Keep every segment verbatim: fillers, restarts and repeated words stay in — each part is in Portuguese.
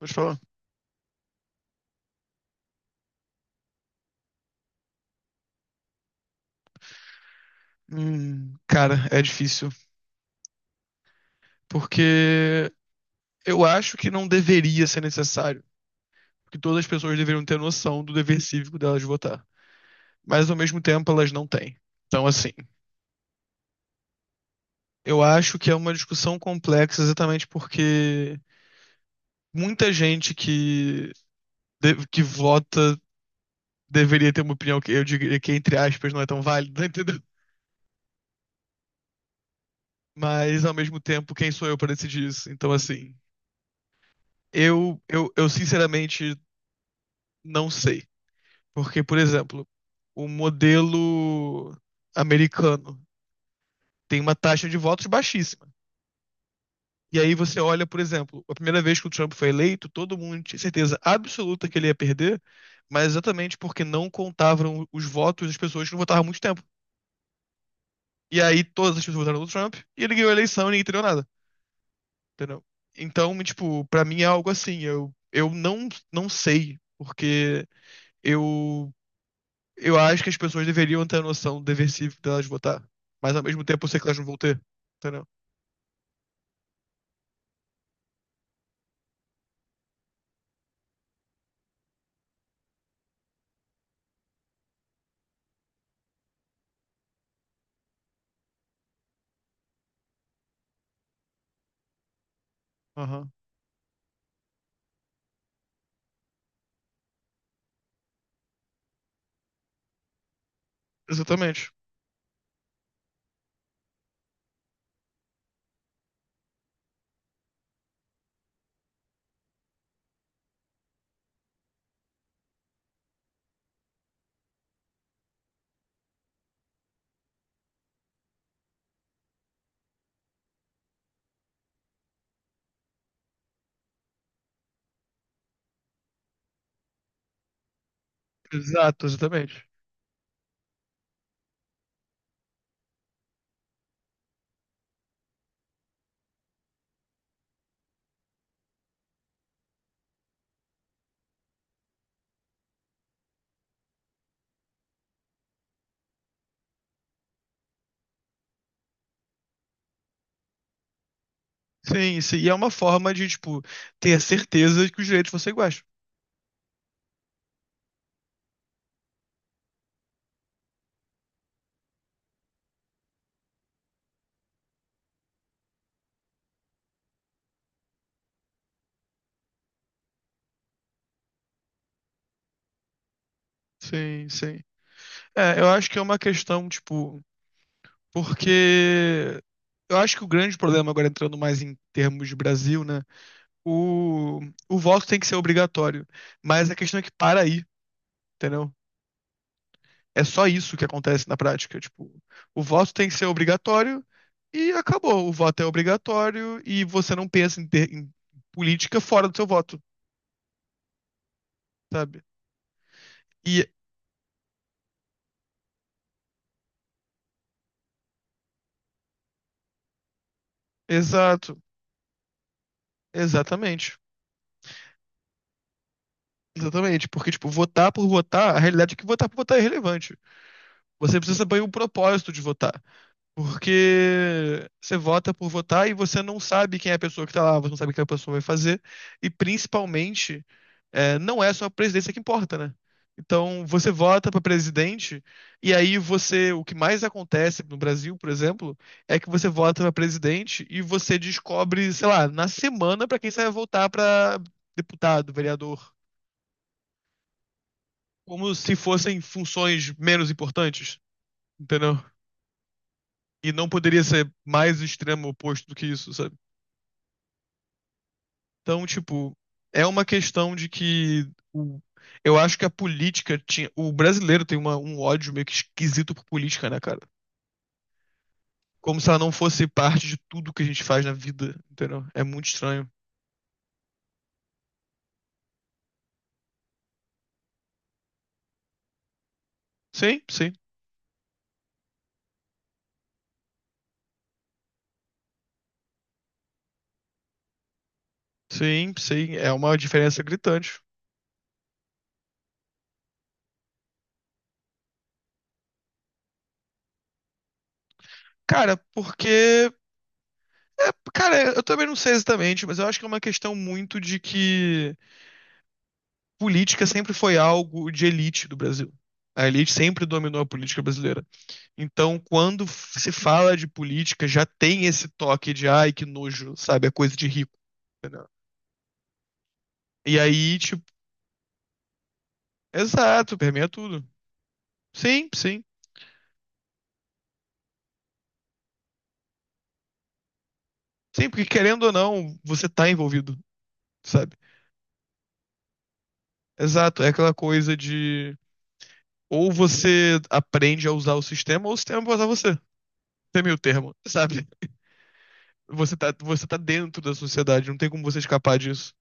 Vou te falar. Hum, cara, é difícil. Porque eu acho que não deveria ser necessário. Que todas as pessoas deveriam ter noção do dever cívico delas de votar. Mas ao mesmo tempo elas não têm. Então, assim, eu acho que é uma discussão complexa exatamente porque muita gente que, de- que vota deveria ter uma opinião que eu diria que, entre aspas, não é tão válida, entendeu? Mas ao mesmo tempo, quem sou eu para decidir isso? Então, assim, eu, eu, eu sinceramente não sei. Porque, por exemplo, o modelo americano tem uma taxa de votos baixíssima. E aí você olha, por exemplo, a primeira vez que o Trump foi eleito, todo mundo tinha certeza absoluta que ele ia perder, mas exatamente porque não contavam os votos das pessoas que não votaram há muito tempo. E aí todas as pessoas votaram no Trump e ele ganhou a eleição e ninguém entendeu nada, entendeu? Então, tipo, pra mim é algo assim, eu, eu não, não sei, porque eu Eu acho que as pessoas deveriam ter a noção do deversivo delas votar. Mas ao mesmo tempo eu sei que elas não vão ter. Entendeu? Aham. Exatamente. Exato, exatamente. Sim, sim. E é uma forma de, tipo, ter certeza de que os direitos vão ser iguais. Sim, sim. É, eu acho que é uma questão, tipo, porque eu acho que o grande problema, agora entrando mais em termos de Brasil, né? O, o voto tem que ser obrigatório. Mas a questão é que para aí, entendeu? É só isso que acontece na prática. Tipo, o voto tem que ser obrigatório e acabou. O voto é obrigatório e você não pensa em, ter- em política fora do seu voto, sabe? E exato, exatamente. Exatamente, porque, tipo, votar por votar, a realidade é que votar por votar é irrelevante. Você precisa saber o propósito de votar. Porque você vota por votar e você não sabe quem é a pessoa que tá lá, você não sabe o que a pessoa vai fazer. E principalmente, é, não é só a presidência que importa, né? Então, você vota para presidente, e aí você. O que mais acontece no Brasil, por exemplo, é que você vota para presidente e você descobre, sei lá, na semana para quem você vai votar para deputado, vereador. Como se fossem funções menos importantes, entendeu? E não poderia ser mais extremo oposto do que isso, sabe? Então, tipo, é uma questão de que o- eu acho que a política tinha. O brasileiro tem uma- um ódio meio que esquisito por política, né, cara? Como se ela não fosse parte de tudo que a gente faz na vida, entendeu? É muito estranho. Sim, sim, sim, sim. É uma diferença gritante. Cara, porque. É, cara, eu também não sei exatamente, mas eu acho que é uma questão muito de que política sempre foi algo de elite do Brasil. A elite sempre dominou a política brasileira. Então, quando se fala de política, já tem esse toque de ai, que nojo, sabe? É coisa de rico. Entendeu? E aí, tipo, exato, permeia tudo. Sim, sim. Sim, porque querendo ou não, você tá envolvido, sabe? Exato, é aquela coisa de ou você aprende a usar o sistema, ou o sistema vai usar você. Tem meio termo, sabe? Você tá, você tá dentro da sociedade, não tem como você escapar disso.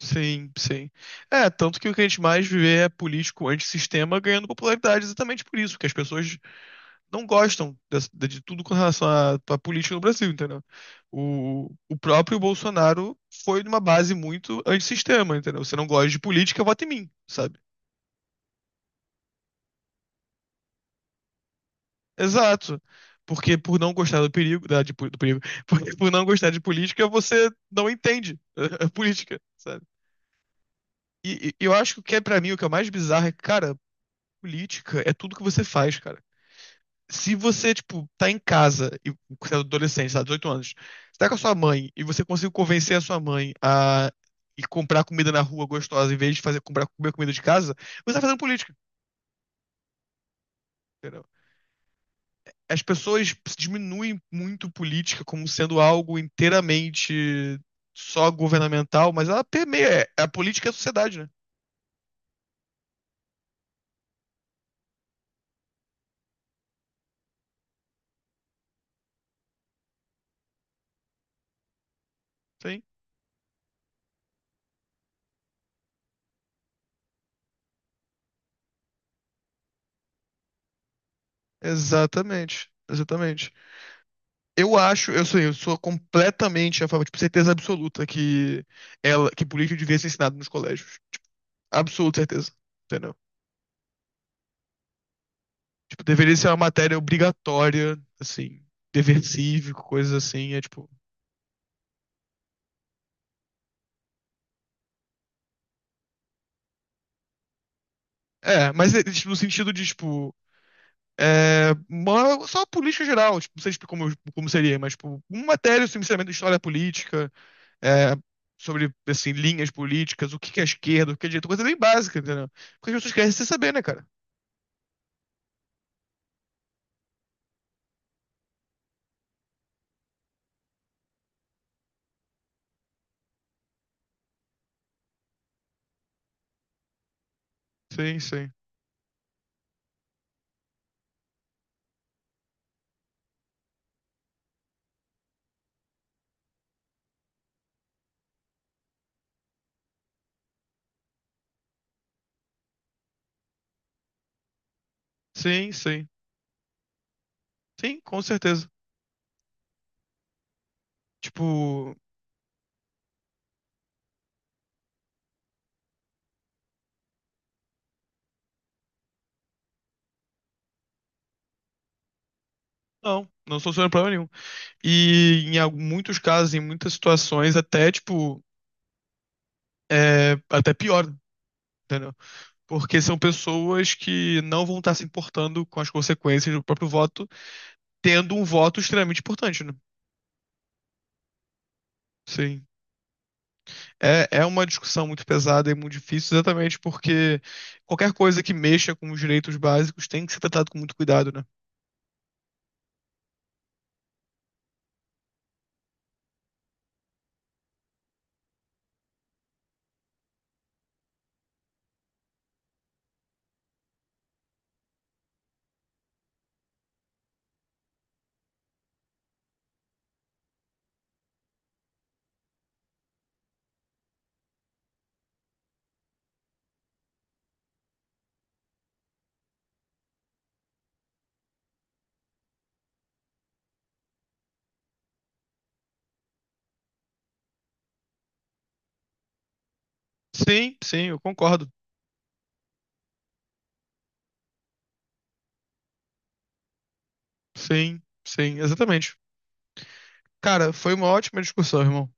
Sim, sim. É, tanto que o que a gente mais vê é político antissistema ganhando popularidade exatamente por isso, porque as pessoas não gostam dessa- de, de tudo com relação à, à política no Brasil, entendeu? O, o próprio Bolsonaro foi numa base muito antissistema, entendeu? Você não gosta de política, vota em mim, sabe? Exato. Porque por não gostar do perigo, da, de po- do perigo, porque por não gostar de política, você não entende a, a política, sabe? E, e eu acho que o que é pra mim o que é mais bizarro é, cara, política é tudo que você faz, cara. Se você, tipo, tá em casa, e você é adolescente, tá, dezoito anos, você tá com a sua mãe e você conseguiu convencer a sua mãe a ir comprar comida na rua gostosa em vez de fazer comprar comer comida de casa, você tá fazendo política, entendeu? As pessoas diminuem muito política como sendo algo inteiramente só governamental, mas ela permeia, é, a política é a sociedade, né? Sim, exatamente, exatamente. Eu acho, eu sou, eu sou completamente a favor, tipo, certeza absoluta que ela, que política devia ser ensinada nos colégios. Absoluta certeza. Entendeu? Tipo, deveria ser uma matéria obrigatória, assim, dever cívico, coisas assim, é tipo. É, mas é, tipo, no sentido de, tipo, é, uma- só a política geral, tipo, não sei tipo, como, como seria, mas, tipo, uma matéria, sinceramente, de história política, é, sobre, assim, linhas políticas, o que que é esquerda, o que é direita, coisa bem básica, entendeu? Porque as pessoas querem se saber, né, cara? Sim, sim. Sim, sim. Sim, com certeza. Tipo, não, não soluciona problema nenhum. E em al- muitos casos, em muitas situações, até, tipo, é até pior, entendeu? Porque são pessoas que não vão estar se importando com as consequências do próprio voto, tendo um voto extremamente importante, né? Sim. É, é uma discussão muito pesada e muito difícil, exatamente porque qualquer coisa que mexa com os direitos básicos tem que ser tratado com muito cuidado, né? Sim, sim, eu concordo. Sim, sim, exatamente. Cara, foi uma ótima discussão, irmão.